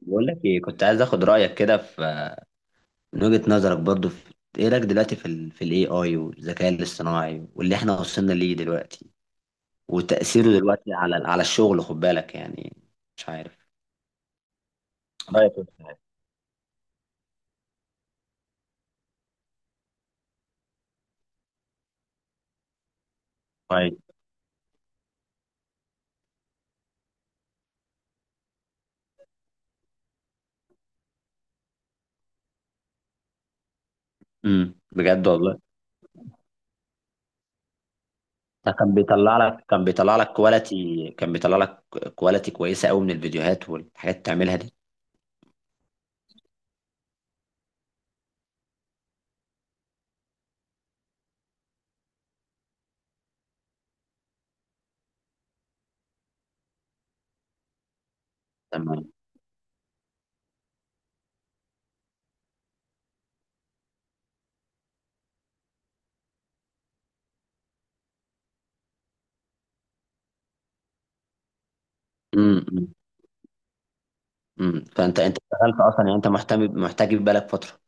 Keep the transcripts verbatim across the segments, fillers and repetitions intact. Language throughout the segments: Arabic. بقول لك ايه، كنت عايز اخد رايك كده في من وجهه نظرك برضو، في ايه رايك دلوقتي في ال في الاي اي والذكاء الاصطناعي واللي احنا وصلنا ليه دلوقتي، وتاثيره دلوقتي على على الشغل، خد بالك يعني، مش عارف. رايك إيه في الحاجة؟ طيب. امم بجد والله. ده كان بيطلع لك كان بيطلع لك كواليتي كان بيطلع لك كواليتي كويسه قوي من الفيديوهات والحاجات اللي بتعملها دي. تمام. امم امم فانت انت اشتغلت اصلا، يعني انت محتاج محتاج يبقى بالك فتره.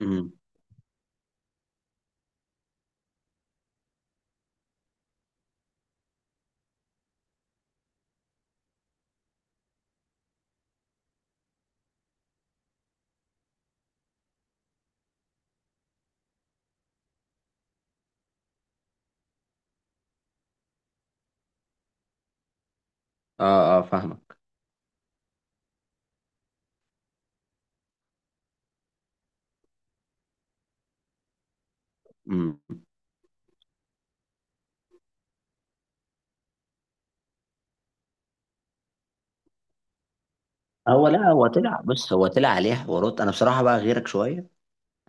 امم. اه، اه، فاهمك. امم. هو لا هو طلع بص، هو طلع عليه حوارات، انا بصراحه بقى غيرك شويه.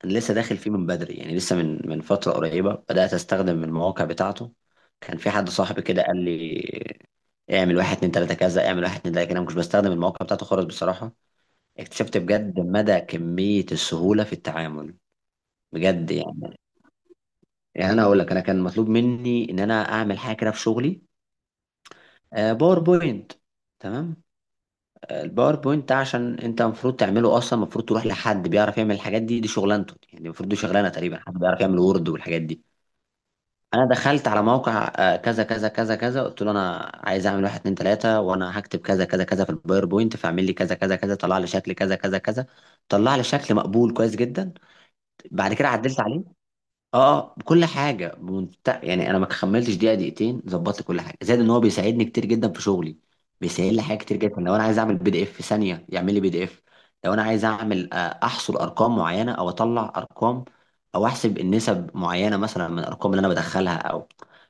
انا لسه داخل فيه من بدري، يعني لسه من من فتره قريبه بدات استخدم المواقع بتاعته. كان في حد صاحبي كده قال لي: اعمل واحد اتنين تلاته كذا، اعمل واحد اتنين تلاته كده، انا مش بستخدم المواقع بتاعته خالص بصراحه. اكتشفت بجد مدى كميه السهوله في التعامل، بجد يعني. يعني انا اقول لك، انا كان مطلوب مني ان انا اعمل حاجه كده في شغلي. باوربوينت. تمام. الباوربوينت ده عشان انت المفروض تعمله اصلا، المفروض تروح لحد بيعرف يعمل الحاجات دي، دي شغلانته. يعني المفروض دي شغلانه تقريبا حد بيعرف يعمل وورد والحاجات دي. انا دخلت على موقع آه، كذا كذا كذا كذا، قلت له: انا عايز اعمل واحد اتنين تلاته، وانا هكتب كذا كذا كذا في الباوربوينت، فاعمل لي كذا كذا كذا. طلع لي شكل كذا كذا كذا. طلع لي شكل مقبول كويس جدا. بعد كده عدلت عليه. اه، كل حاجه منت... يعني انا ما كملتش دقيقه دقيقتين ظبطت كل حاجه، زائد ان هو بيساعدني كتير جدا في شغلي. بيسهل لي حاجات كتير جدا. لو انا عايز اعمل بي دي اف، في ثانيه يعمل لي بي دي اف. لو انا عايز اعمل آه، احصر ارقام معينه، او اطلع ارقام، او احسب النسب معينه مثلا من الارقام اللي انا بدخلها، او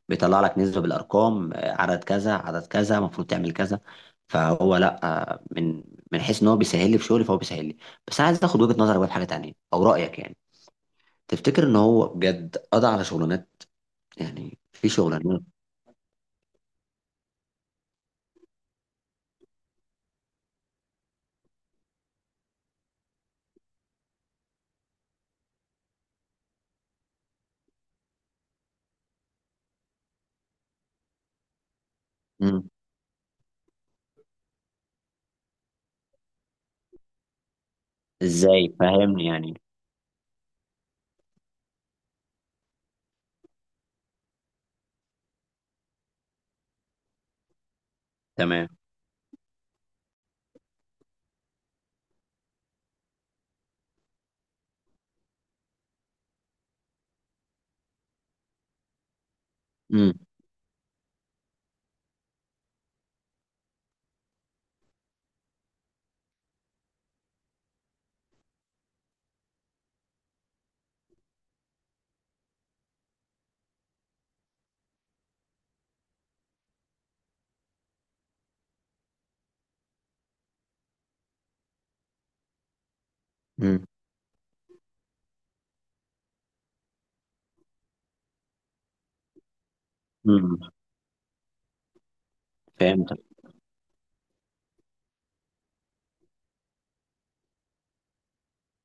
بيطلع لك نسبه بالارقام. آه، عدد كذا عدد كذا المفروض تعمل كذا. فهو لا. آه، من من حيث ان هو بيسهل لي في شغلي فهو بيسهل لي. بس عايز اخد وجهه نظرك بقى في حاجه تانيه، او رايك يعني. تفتكر ان هو بجد قضى على شغلانات؟ يعني في شغلانات. امم. ازاي؟ فاهمني يعني. تمام. امم. امم. امم. فهمت.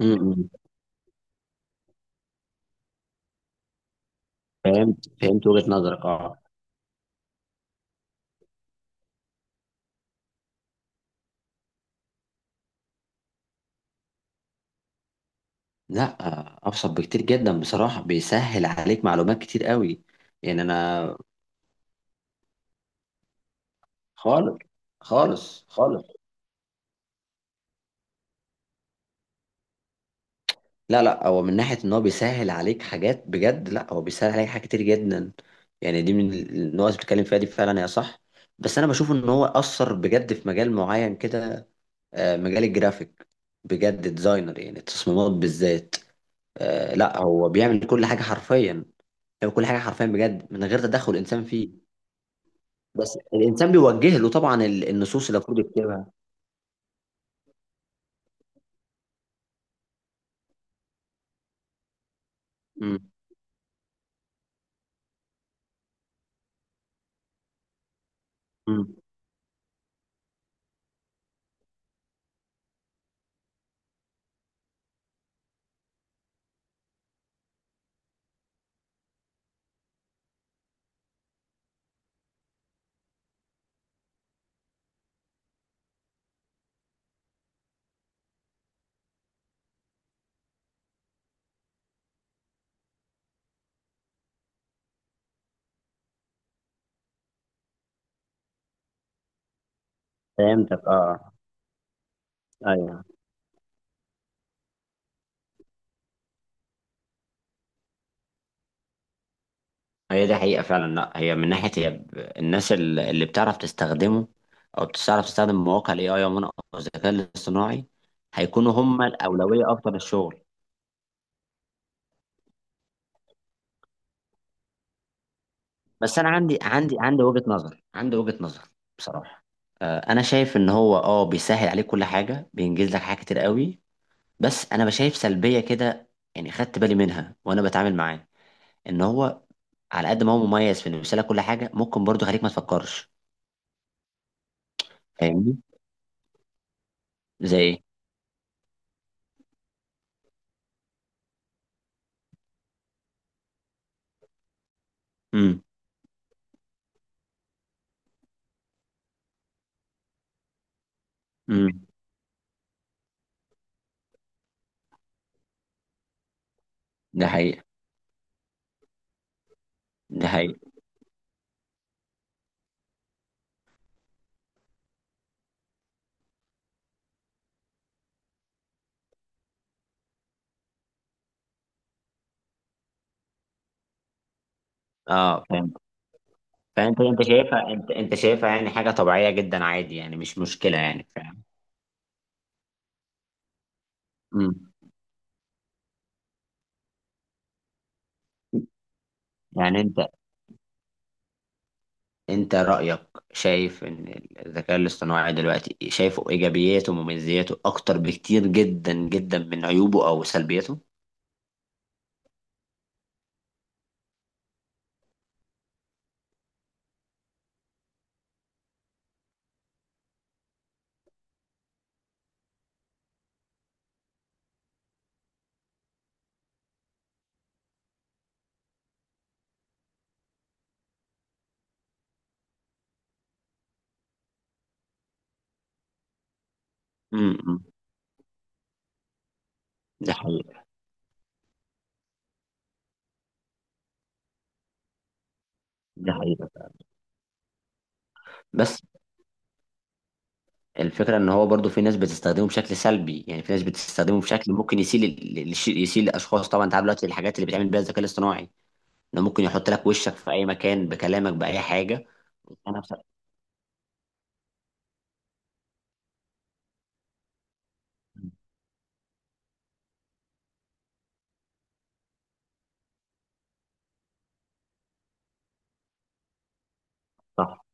امم. فهمت فهمت وجهة نظرك اه. لا، آه، ابسط بكتير جدا بصراحة. بيسهل عليك معلومات كتير قوي. يعني انا. خالص. خالص، خالص. لا، لا، هو من ناحية ان هو بيسهل عليك حاجات بجد، لا هو بيسهل عليك حاجات كتير جدا. يعني دي من النقط اللي بتتكلم فيها، دي فعلا هي صح. بس انا بشوف ان هو اثر بجد في مجال معين كده. آه، مجال الجرافيك، بجد ديزاينر يعني، التصميمات بالذات. آه، لا، هو بيعمل كل حاجة حرفيا. هو كل حاجة حرفيا بجد من غير تدخل الانسان فيه. بس الانسان بيوجه له طبعا ال- النصوص اللي المفروض يكتبها. امم. امم. فهمتك اه. آه، ايوه. هي دي حقيقة فعلا. لا هي من ناحية هي ب- الناس ال- اللي بتعرف تستخدمه أو بتعرف تستخدم مواقع ال إيه آي عموما، أو الذكاء الاصطناعي، هيكونوا هم الأولوية أكتر للشغل. بس أنا عندي عندي عندي وجهة نظر، عندي وجهة نظر بصراحة. آه، أنا شايف إن هو أه بيسهل عليك كل حاجة، بينجز لك حاجات كتير قوي. بس أنا بشايف سلبية كده، يعني خدت بالي منها وأنا بتعامل معاه. إن هو على قد ما هو مميز في إنه يسهل لك كل حاجة، ممكن برضه يخليك ما تفكرش. فاهمني؟ زي إيه؟ امم. امم. ده حقيقي. ده حقيقي. اه فاهم. فانت انت شايفها انت انت شايفها يعني حاجه طبيعيه جدا عادي، يعني مش مشكله، يعني فاهم. امم. يعني انت انت رايك، شايف ان الذكاء الاصطناعي دلوقتي شايفه ايجابياته ومميزاته اكتر بكتير جدا جدا من عيوبه او سلبياته. امم. ده حقيقي. ده حقيقي. بس الفكره ان هو برضو في ناس بتستخدمه بشكل سلبي، يعني في ناس بتستخدمه بشكل ممكن يسيء لل- للش- يسيء لاشخاص، طبعا انت عارف دلوقتي الحاجات اللي بيتعمل بيها الذكاء الاصطناعي، انه ممكن يحط لك وشك في اي مكان بكلامك باي حاجه. انا بصراحه. صح.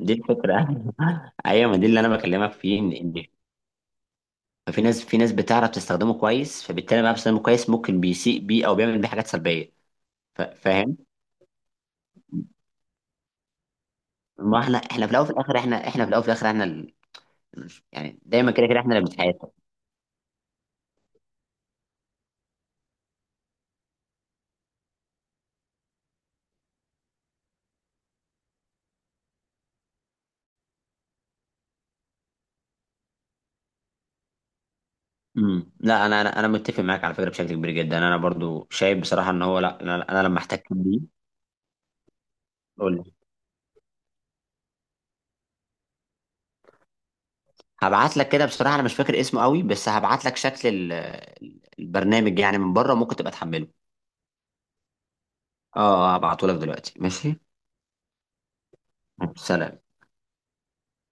دي الفكره. ايوه، ما دي اللي انا بكلمك فيه ان ان ففي ناس في ناس بتعرف تستخدمه كويس، فبالتالي بقى بتستخدمه كويس ممكن بيسيء بيه او بيعمل بيه حاجات سلبيه. ف- فاهم. ما احنا احنا في الاول وفي الاخر، احنا احنا في الاول وفي الاخر، احنا ال- يعني دايما كده كده احنا اللي بنتحاسب. امم. لا، انا انا انا متفق معاك على فكره بشكل كبير جدا. انا برضو شايف بصراحه ان هو لا، انا أنا لما احتكت بيه. قول لي. هبعت لك كده بصراحة أنا مش فاكر اسمه قوي، بس هبعت لك شكل ال- ال- البرنامج، يعني من بره ممكن تبقى تحمله. اه. آه، هبعته لك دلوقتي ماشي. سلام.